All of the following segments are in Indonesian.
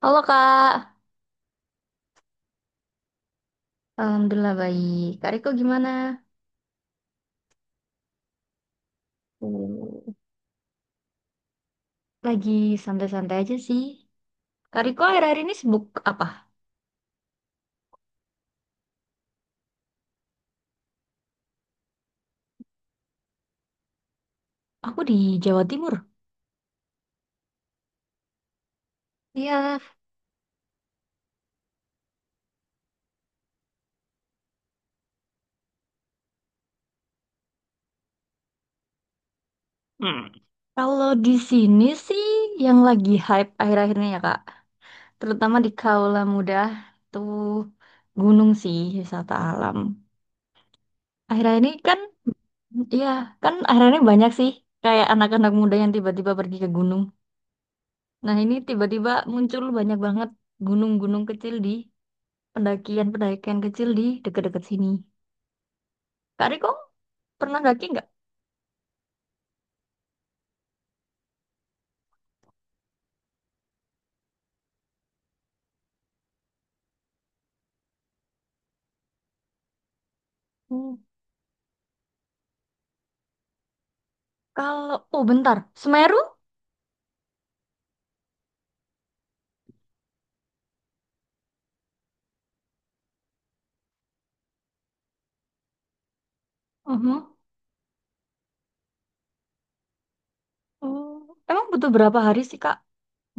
Halo Kak. Alhamdulillah baik. Kak Riko gimana? Hmm. Lagi santai-santai aja sih. Kak Riko akhir-akhir ini sibuk apa? Aku di Jawa Timur. Iya, Hmm. Kalau di sini sih yang lagi hype akhir-akhir ini, ya Kak, terutama di Kaula Muda tuh gunung sih, wisata alam. Akhir-akhir ini kan, iya kan akhir-akhir ini banyak sih kayak anak-anak muda yang tiba-tiba pergi ke gunung. Nah, ini tiba-tiba muncul banyak banget gunung-gunung kecil di pendakian-pendakian kecil di dekat-dekat sini. Kak Riko pernah daki nggak? Hmm. Kalau, oh, bentar, Semeru? Mhm. Oh, emang butuh berapa hari sih Kak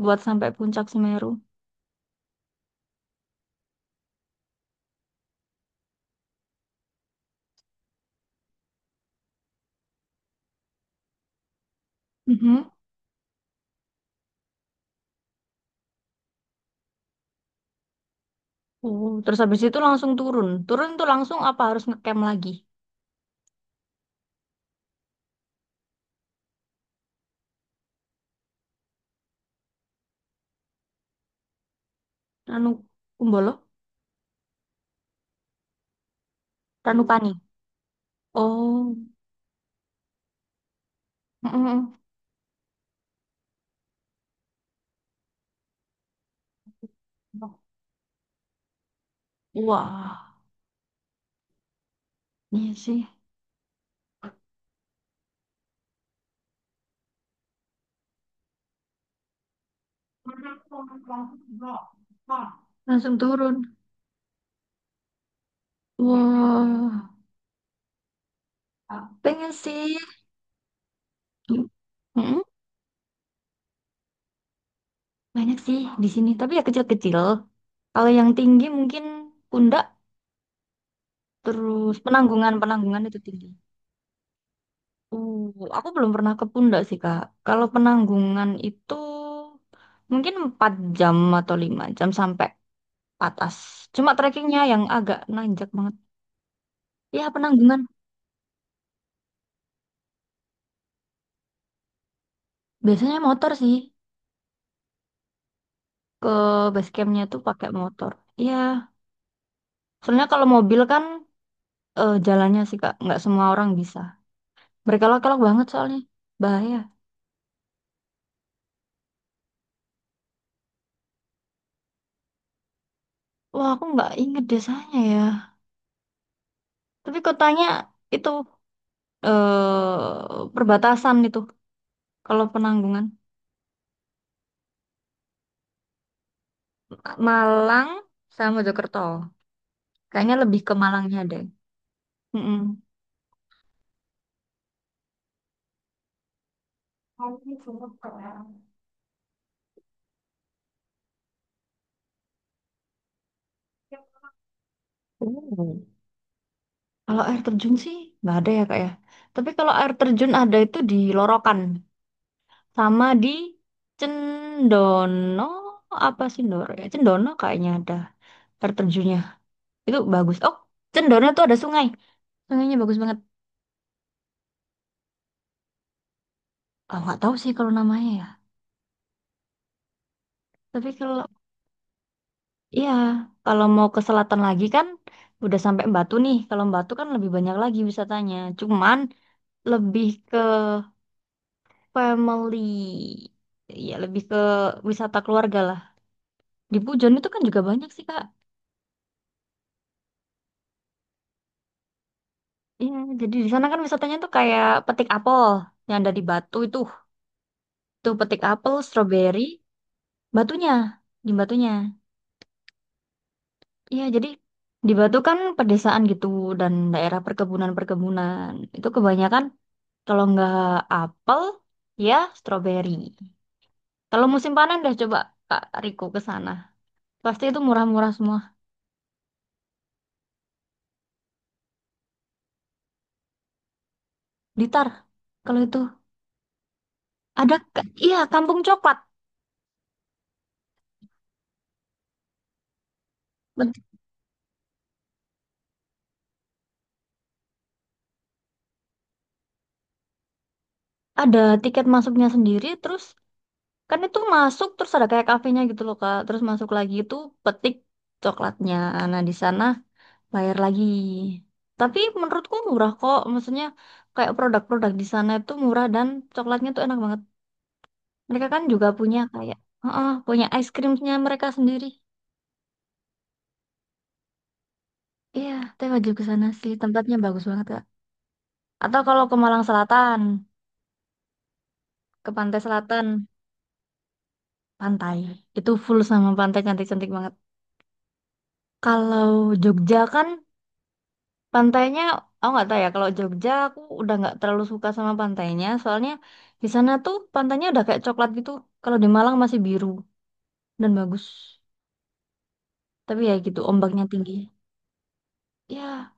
buat sampai puncak Semeru? Mhm. Oh, terus habis itu langsung turun. Turun tuh langsung apa harus ngecamp lagi? Ranu Kumbolo? Ranupani. Oh. Mm-mm. Wah, iya sih. Langsung turun. Wah, pengen sih. Mm-mm. Banyak sih di sini, tapi ya kecil-kecil. Kalau yang tinggi mungkin Pundak, terus Penanggungan, Penanggungan itu tinggi. Uh, aku belum pernah ke Pundak sih, Kak. Kalau Penanggungan itu mungkin 4 jam atau 5 jam sampai atas. Cuma trekkingnya yang agak nanjak banget. Ya, Penanggungan. Biasanya motor sih. Ke base campnya tuh pakai motor. Iya, soalnya kalau mobil kan jalannya sih, Kak. Nggak semua orang bisa. Berkelok-kelok banget soalnya. Bahaya. Wah, aku nggak inget desanya ya. Tapi kotanya itu perbatasan itu. Kalau Penanggungan, Malang sama Mojokerto. Kayaknya lebih ke Malangnya deh. Mm-mm. Oh. Kalau air terjun sih nggak ada ya Kak ya. Tapi kalau air terjun ada itu di Lorokan sama di Cendono, apa sih Ndoro ya? Cendono kayaknya ada air terjunnya. Itu bagus. Oh, Cendono tuh ada sungai. Sungainya bagus banget. Oh, nggak tahu sih kalau namanya ya. Tapi kalau iya, kalau mau ke selatan lagi kan udah sampai Batu nih. Kalau Batu kan lebih banyak lagi wisatanya. Cuman lebih ke family. Ya, lebih ke wisata keluarga lah. Di Pujon itu kan juga banyak sih, Kak. Iya, jadi di sana kan wisatanya tuh kayak petik apel yang ada di Batu itu. Tuh petik apel, stroberi, batunya, di batunya. Iya, jadi di Batu kan pedesaan gitu dan daerah perkebunan-perkebunan. Itu kebanyakan kalau nggak apel, ya stroberi. Kalau musim panen dah coba Kak Riko ke sana. Pasti itu murah-murah semua. Blitar, kalau itu ada. Iya, Kampung Coklat. Bet- Ada tiket masuknya sendiri terus kan itu masuk terus ada kayak kafenya gitu loh Kak. Terus masuk lagi itu petik coklatnya. Nah, di sana bayar lagi. Tapi menurutku murah kok. Maksudnya kayak produk-produk di sana itu murah dan coklatnya tuh enak banget. Mereka kan juga punya kayak, oh, punya ice creamnya mereka sendiri. Iya, teh wajib ke sana sih. Tempatnya bagus banget, Kak. Atau kalau ke Malang Selatan, ke Pantai Selatan, pantai. Itu full sama pantai cantik-cantik banget. Kalau Jogja kan pantainya, aku nggak tahu ya. Kalau Jogja aku udah nggak terlalu suka sama pantainya, soalnya di sana tuh pantainya udah kayak coklat gitu. Kalau di Malang masih biru dan bagus. Tapi ya gitu, ombaknya tinggi. Ya,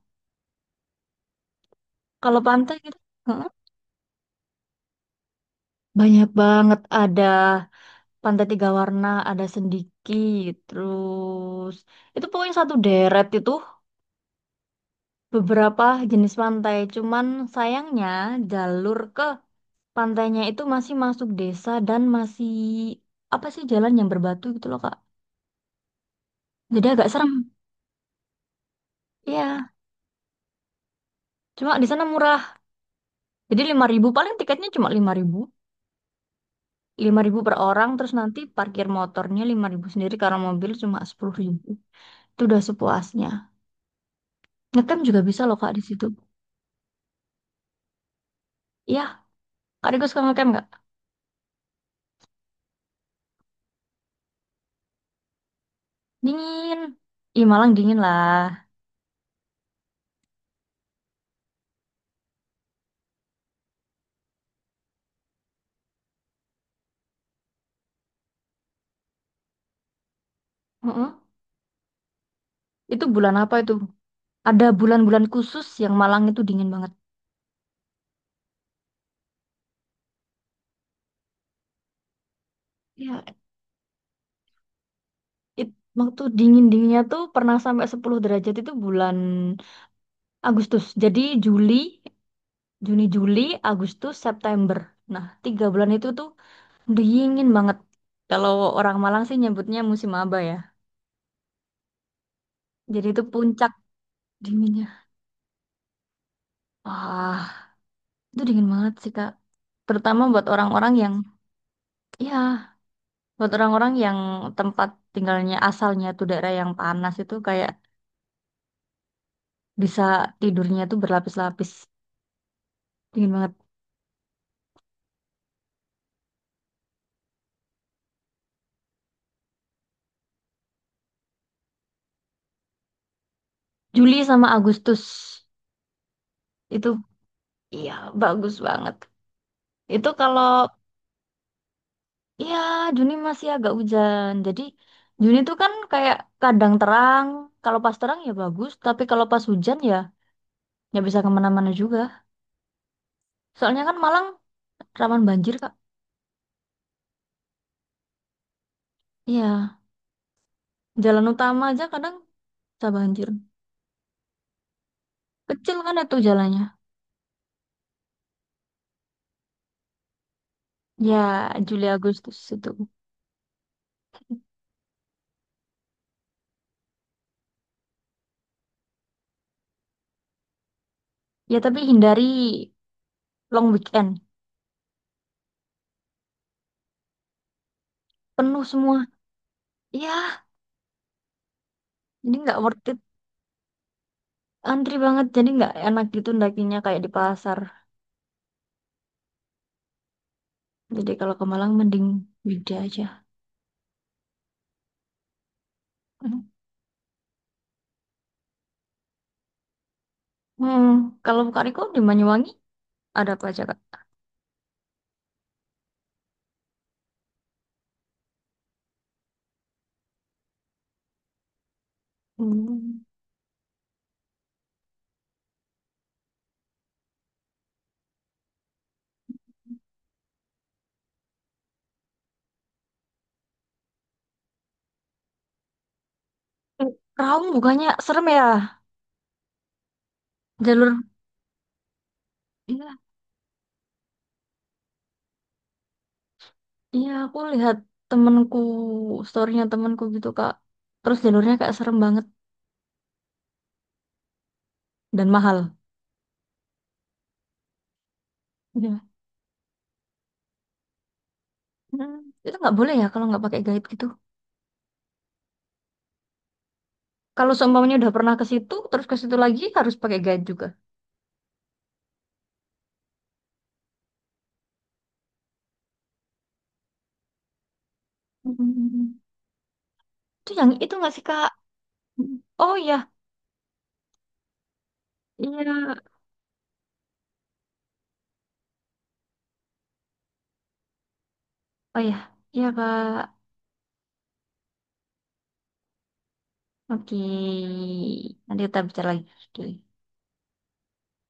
kalau pantai gitu, heeh, banyak banget, ada Pantai Tiga Warna, ada Sendiki, terus itu pokoknya satu deret itu beberapa jenis pantai. Cuman sayangnya jalur ke pantainya itu masih masuk desa dan masih apa sih jalan yang berbatu gitu loh Kak. Jadi agak serem. Iya, cuma di sana murah. Jadi 5.000, paling tiketnya cuma 5.000, 5.000 per orang, terus nanti parkir motornya 5.000 sendiri karena mobil cuma 10.000. Itu udah sepuasnya. Ngetem juga bisa loh Kak di situ. Iya, Kak Diego suka ngetem nggak? Dingin. Ih, Malang dingin lah. mm Itu bulan apa itu? Ada bulan-bulan khusus yang Malang itu dingin banget. Ya, waktu dingin-dinginnya tuh pernah sampai 10 derajat itu bulan Agustus. Jadi Juli, Juni, Juli, Agustus, September. Nah, 3 bulan itu tuh dingin banget. Kalau orang Malang sih nyebutnya musim aba ya. Jadi itu puncak dinginnya. Wah, itu dingin banget sih, Kak. Terutama buat orang-orang yang, ya, buat orang-orang yang tempat tinggalnya asalnya tuh daerah yang panas itu kayak bisa tidurnya tuh berlapis-lapis. Dingin banget. Juli sama Agustus itu, iya, bagus banget. Itu kalau, ya, Juni masih agak hujan. Jadi Juni tuh kan kayak kadang terang. Kalau pas terang ya bagus, tapi kalau pas hujan ya nggak bisa kemana-mana juga. Soalnya kan Malang rawan banjir, Kak. Iya, jalan utama aja kadang bisa banjir. Kecil kan itu jalannya. Ya, Juli Agustus itu. Ya, tapi hindari long weekend. Penuh semua. Ya, jadi nggak worth it. Antri banget, jadi nggak enak gitu dakinya kayak di pasar. Jadi kalau ke Malang mending weekday aja. Hmm, kalau Kak Riko di Banyuwangi ada apa aja, Kak? Hmm. Eh, Raung bukannya serem ya? Jalur. Iya, iya, aku lihat temenku, storynya temenku gitu, Kak. Terus jalurnya kayak serem banget dan mahal. Iya. Hmm, Itu nggak boleh ya kalau nggak pakai guide gitu. Kalau seumpamanya udah pernah ke situ, terus ke situ lagi harus pakai guide juga. Hmm. Itu yang itu nggak sih Kak? Oh iya, iya. Oh iya, iya, Kak. Oke, nanti kita bicara lagi.